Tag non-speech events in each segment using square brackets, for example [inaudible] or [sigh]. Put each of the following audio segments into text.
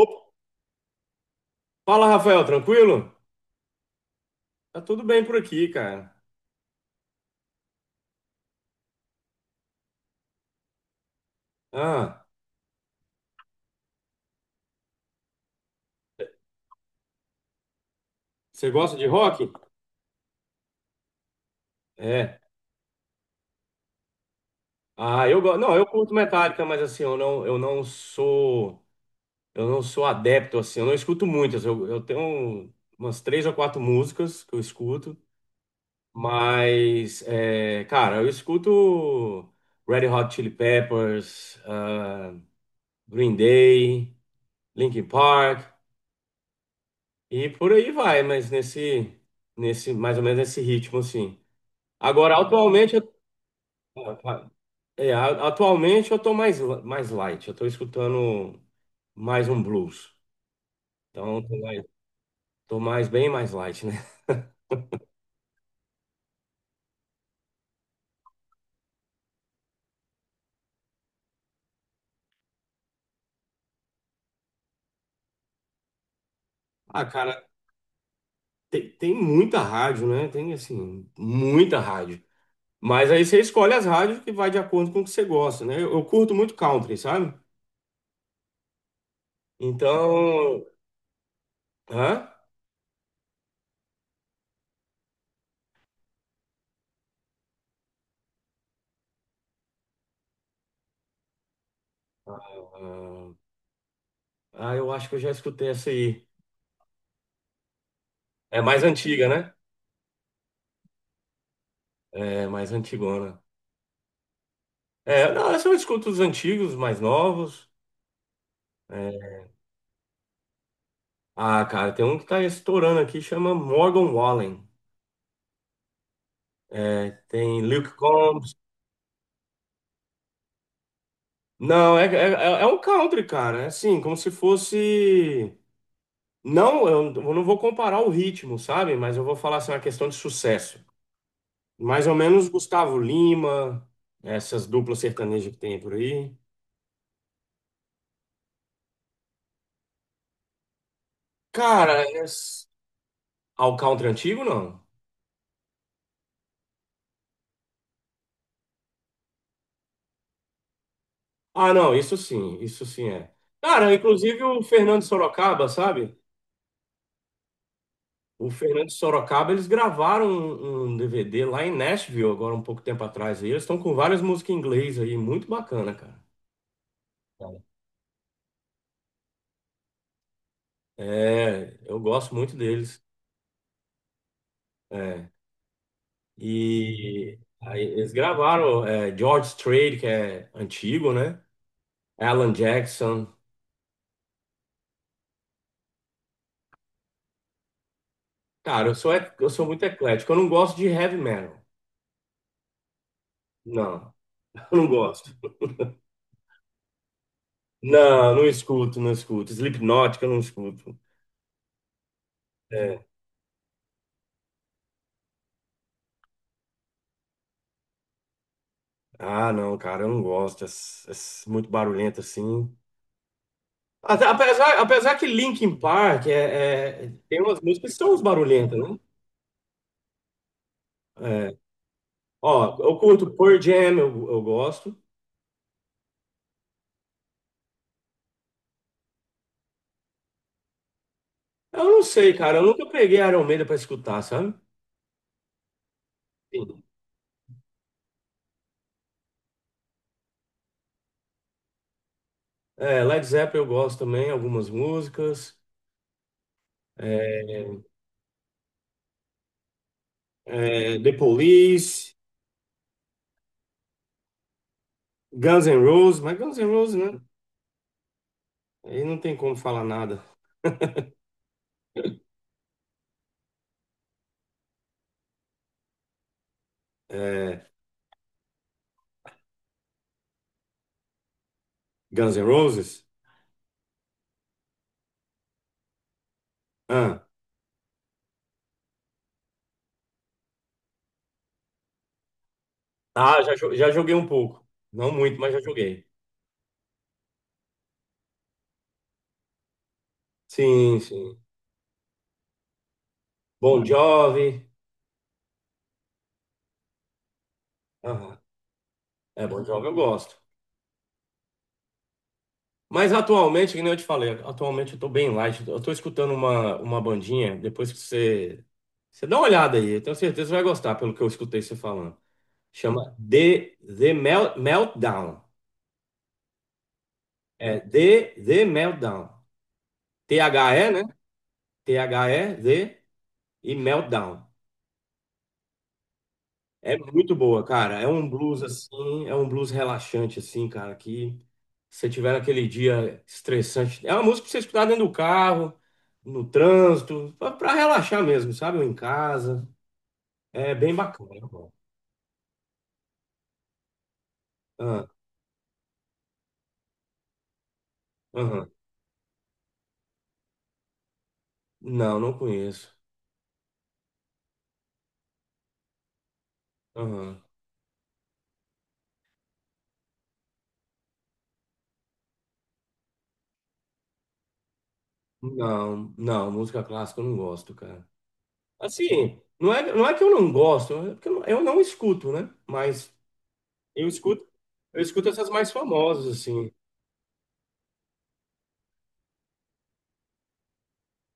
Opa, fala, Rafael, tranquilo? Tá tudo bem por aqui, cara. Ah, você gosta de rock? É. Ah, eu gosto. Não, eu curto Metallica, mas assim, eu não sou adepto assim. Eu não escuto muitas. Eu tenho umas três ou quatro músicas que eu escuto, mas, cara, eu escuto Red Hot Chili Peppers, ah, Green Day, Linkin Park e por aí vai. Mas mais ou menos nesse ritmo, assim. Agora, atualmente eu tô mais light, eu tô escutando mais um blues. Então, bem mais light, né? [laughs] Ah, cara, tem muita rádio, né? Tem, assim, muita rádio. Mas aí você escolhe as rádios que vai de acordo com o que você gosta, né? Eu curto muito country, sabe? Então, hã? Ah, ah, eu acho que eu já escutei essa aí. É mais antiga, né? É mais antigona. É, não, essa eu escuto os antigos, os mais novos. É, Ah, cara, tem um que tá estourando aqui, chama Morgan Wallen. É, tem Luke Combs. Não, é um country, cara. É assim, como se fosse. Não, eu não vou comparar o ritmo, sabe? Mas eu vou falar assim, uma questão de sucesso. Mais ou menos Gustavo Lima, essas duplas sertanejas que tem por aí. Cara, ah, country antigo, não? Ah, não, isso sim, isso sim é. Cara, inclusive o Fernando Sorocaba, sabe? O Fernando Sorocaba, eles gravaram um DVD lá em Nashville, agora um pouco tempo atrás. E eles estão com várias músicas em inglês aí, muito bacana, cara. Cara? É, eu gosto muito deles. É. E aí eles gravaram George Strait, que é antigo, né? Alan Jackson. Cara, eu sou muito eclético. Eu não gosto de heavy metal. Não, eu não gosto. Não, não escuto, não escuto. Slipknot, que eu não escuto. É. Ah, não, cara, eu não gosto. Muito barulhento assim. Apesar que Linkin Park tem umas músicas que são uns barulhentas, né? É. Ó, eu curto Pearl Jam, eu gosto. Eu não sei, cara, eu nunca peguei Iron Maiden pra escutar, sabe? Sim. É, Led Zeppelin eu gosto também, algumas músicas. É, The Police, Guns N' Roses, mas Guns N' Roses, né? Aí não tem como falar nada. É, Guns N' Roses? Ah, já, já joguei um pouco. Não muito, mas já joguei. Sim, sim. Bon Jovi. Aham. É, Bon Jovi eu gosto. Mas atualmente, que nem eu te falei, atualmente eu tô bem light. Eu tô escutando uma bandinha, depois que você. Você dá uma olhada aí, eu tenho certeza que você vai gostar pelo que eu escutei você falando. Chama The Meltdown. É The Meltdown. The, né? The, The e Meltdown. É muito boa, cara. É um blues assim, é um blues relaxante assim, cara, que se você tiver naquele dia estressante, é uma música pra você escutar dentro do carro, no trânsito, pra relaxar mesmo, sabe? Ou em casa. É bem bacana. É bom. Ah, aham. Não, não conheço. Aham. Não, não, música clássica eu não gosto, cara. Assim, não é que eu não gosto, é porque eu não escuto, né? Mas eu escuto, eu escuto essas mais famosas assim.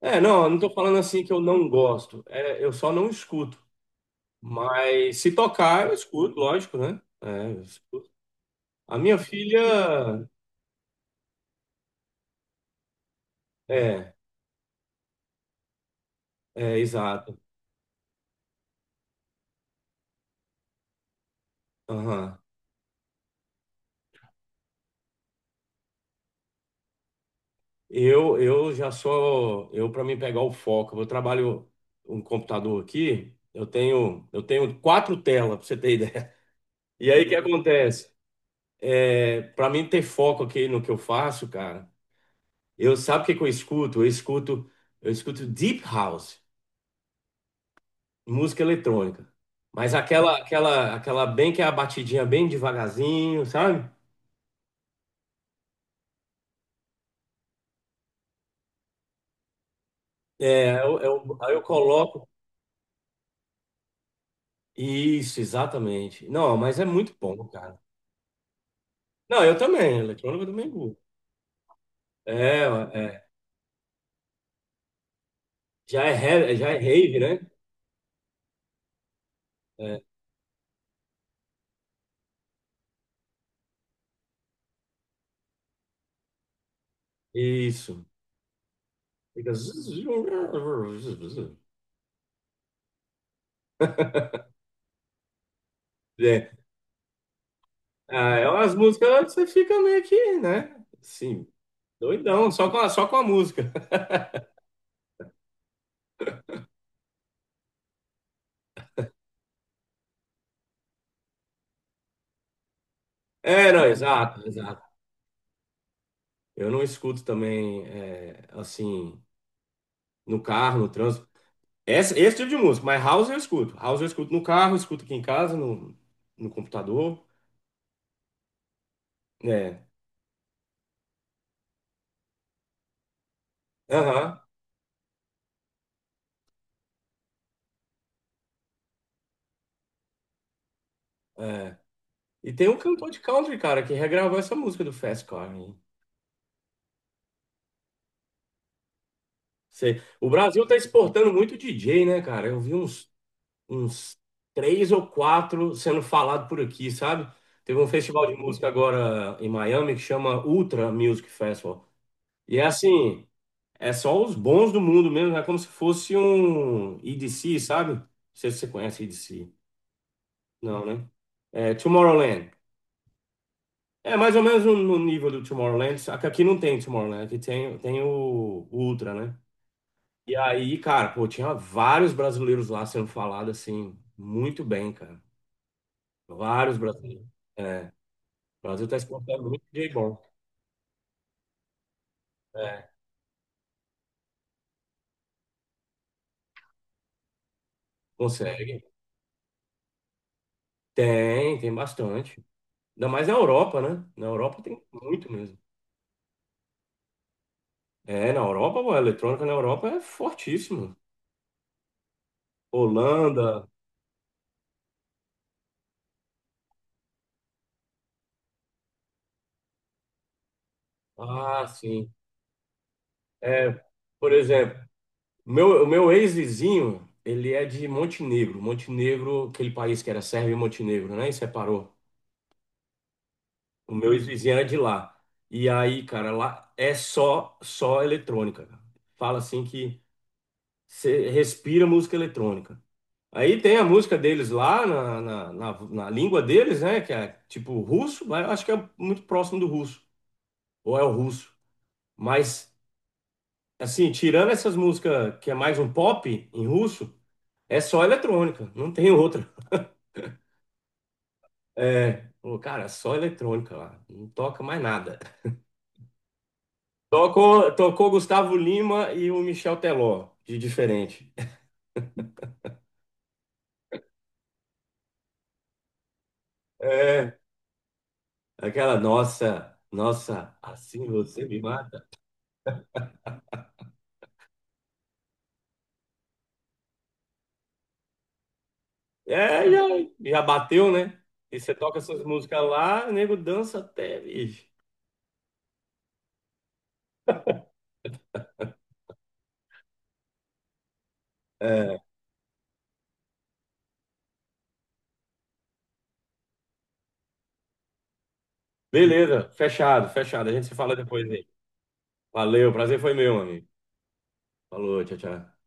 É, não, eu não tô falando assim que eu não gosto. É, eu só não escuto. Mas se tocar, eu escuto, lógico, né? É, eu escuto. A minha filha. É, é, exato. Aham. Eu já sou. Para mim pegar o foco, eu trabalho um computador aqui. Eu tenho quatro telas, pra você ter [laughs] ideia. E aí, o que acontece? É, para mim ter foco aqui no que eu faço, cara, eu sabe o que que eu escuto? Eu escuto Deep House, música eletrônica. Mas aquela bem que é a batidinha bem devagarzinho, sabe? É, aí eu coloco. Isso, exatamente. Não, mas é muito bom, cara. Não, eu também, eletrônica eu também curto. É, é. Já é rave, né? É, isso. Fica zuz, zuz, zuz. É, ah, é umas músicas que você fica meio que, né? Sim, doidão, só com a música. [laughs] É, não, exato, exato. Eu não escuto também, assim, no carro, no trânsito. Esse tipo de música, mas house eu escuto. House eu escuto no carro, escuto aqui em casa, no computador. Né? Aham. É. E tem um cantor de country, cara, que regravou essa música do Fast Car. Hein? O Brasil tá exportando muito DJ, né, cara? Eu vi uns três ou quatro sendo falado por aqui, sabe? Teve um festival de música agora em Miami que chama Ultra Music Festival. E é assim. É só os bons do mundo mesmo, é como se fosse um EDC, sabe? Não sei se você conhece EDC. Não, né? É, Tomorrowland. É mais ou menos no nível do Tomorrowland, só que aqui não tem Tomorrowland, aqui tem o Ultra, né? E aí, cara, pô, tinha vários brasileiros lá sendo falado assim, muito bem, cara. Vários brasileiros. É, o Brasil tá exportando muito DJ bom. É, consegue. Tem bastante. Ainda mais na Europa, né? Na Europa tem muito mesmo. É, na Europa, pô, a eletrônica na Europa é fortíssimo. Holanda, ah, sim. É, por exemplo, o meu ex-vizinho, ele é de Montenegro. Montenegro, aquele país que era Sérvia e Montenegro, né? E separou. O meu ex-vizinho era de lá. E aí, cara, lá é só eletrônica. Cara. Fala assim que você respira música eletrônica. Aí tem a música deles lá na língua deles, né? Que é tipo russo, mas eu acho que é muito próximo do russo, ou é o russo. Mas, assim, tirando essas músicas que é mais um pop em russo, é só eletrônica, não tem outra. É, pô, cara, é só eletrônica lá, não toca mais nada. Tocou Gustavo Lima e o Michel Teló, de diferente. [laughs] É, aquela nossa, nossa, assim você me mata. É, já bateu, né? E você toca essas músicas lá, o nego dança até, bicho. É, beleza, fechado, fechado. A gente se fala depois aí. Valeu, prazer foi meu, amigo. Falou, tchau, tchau.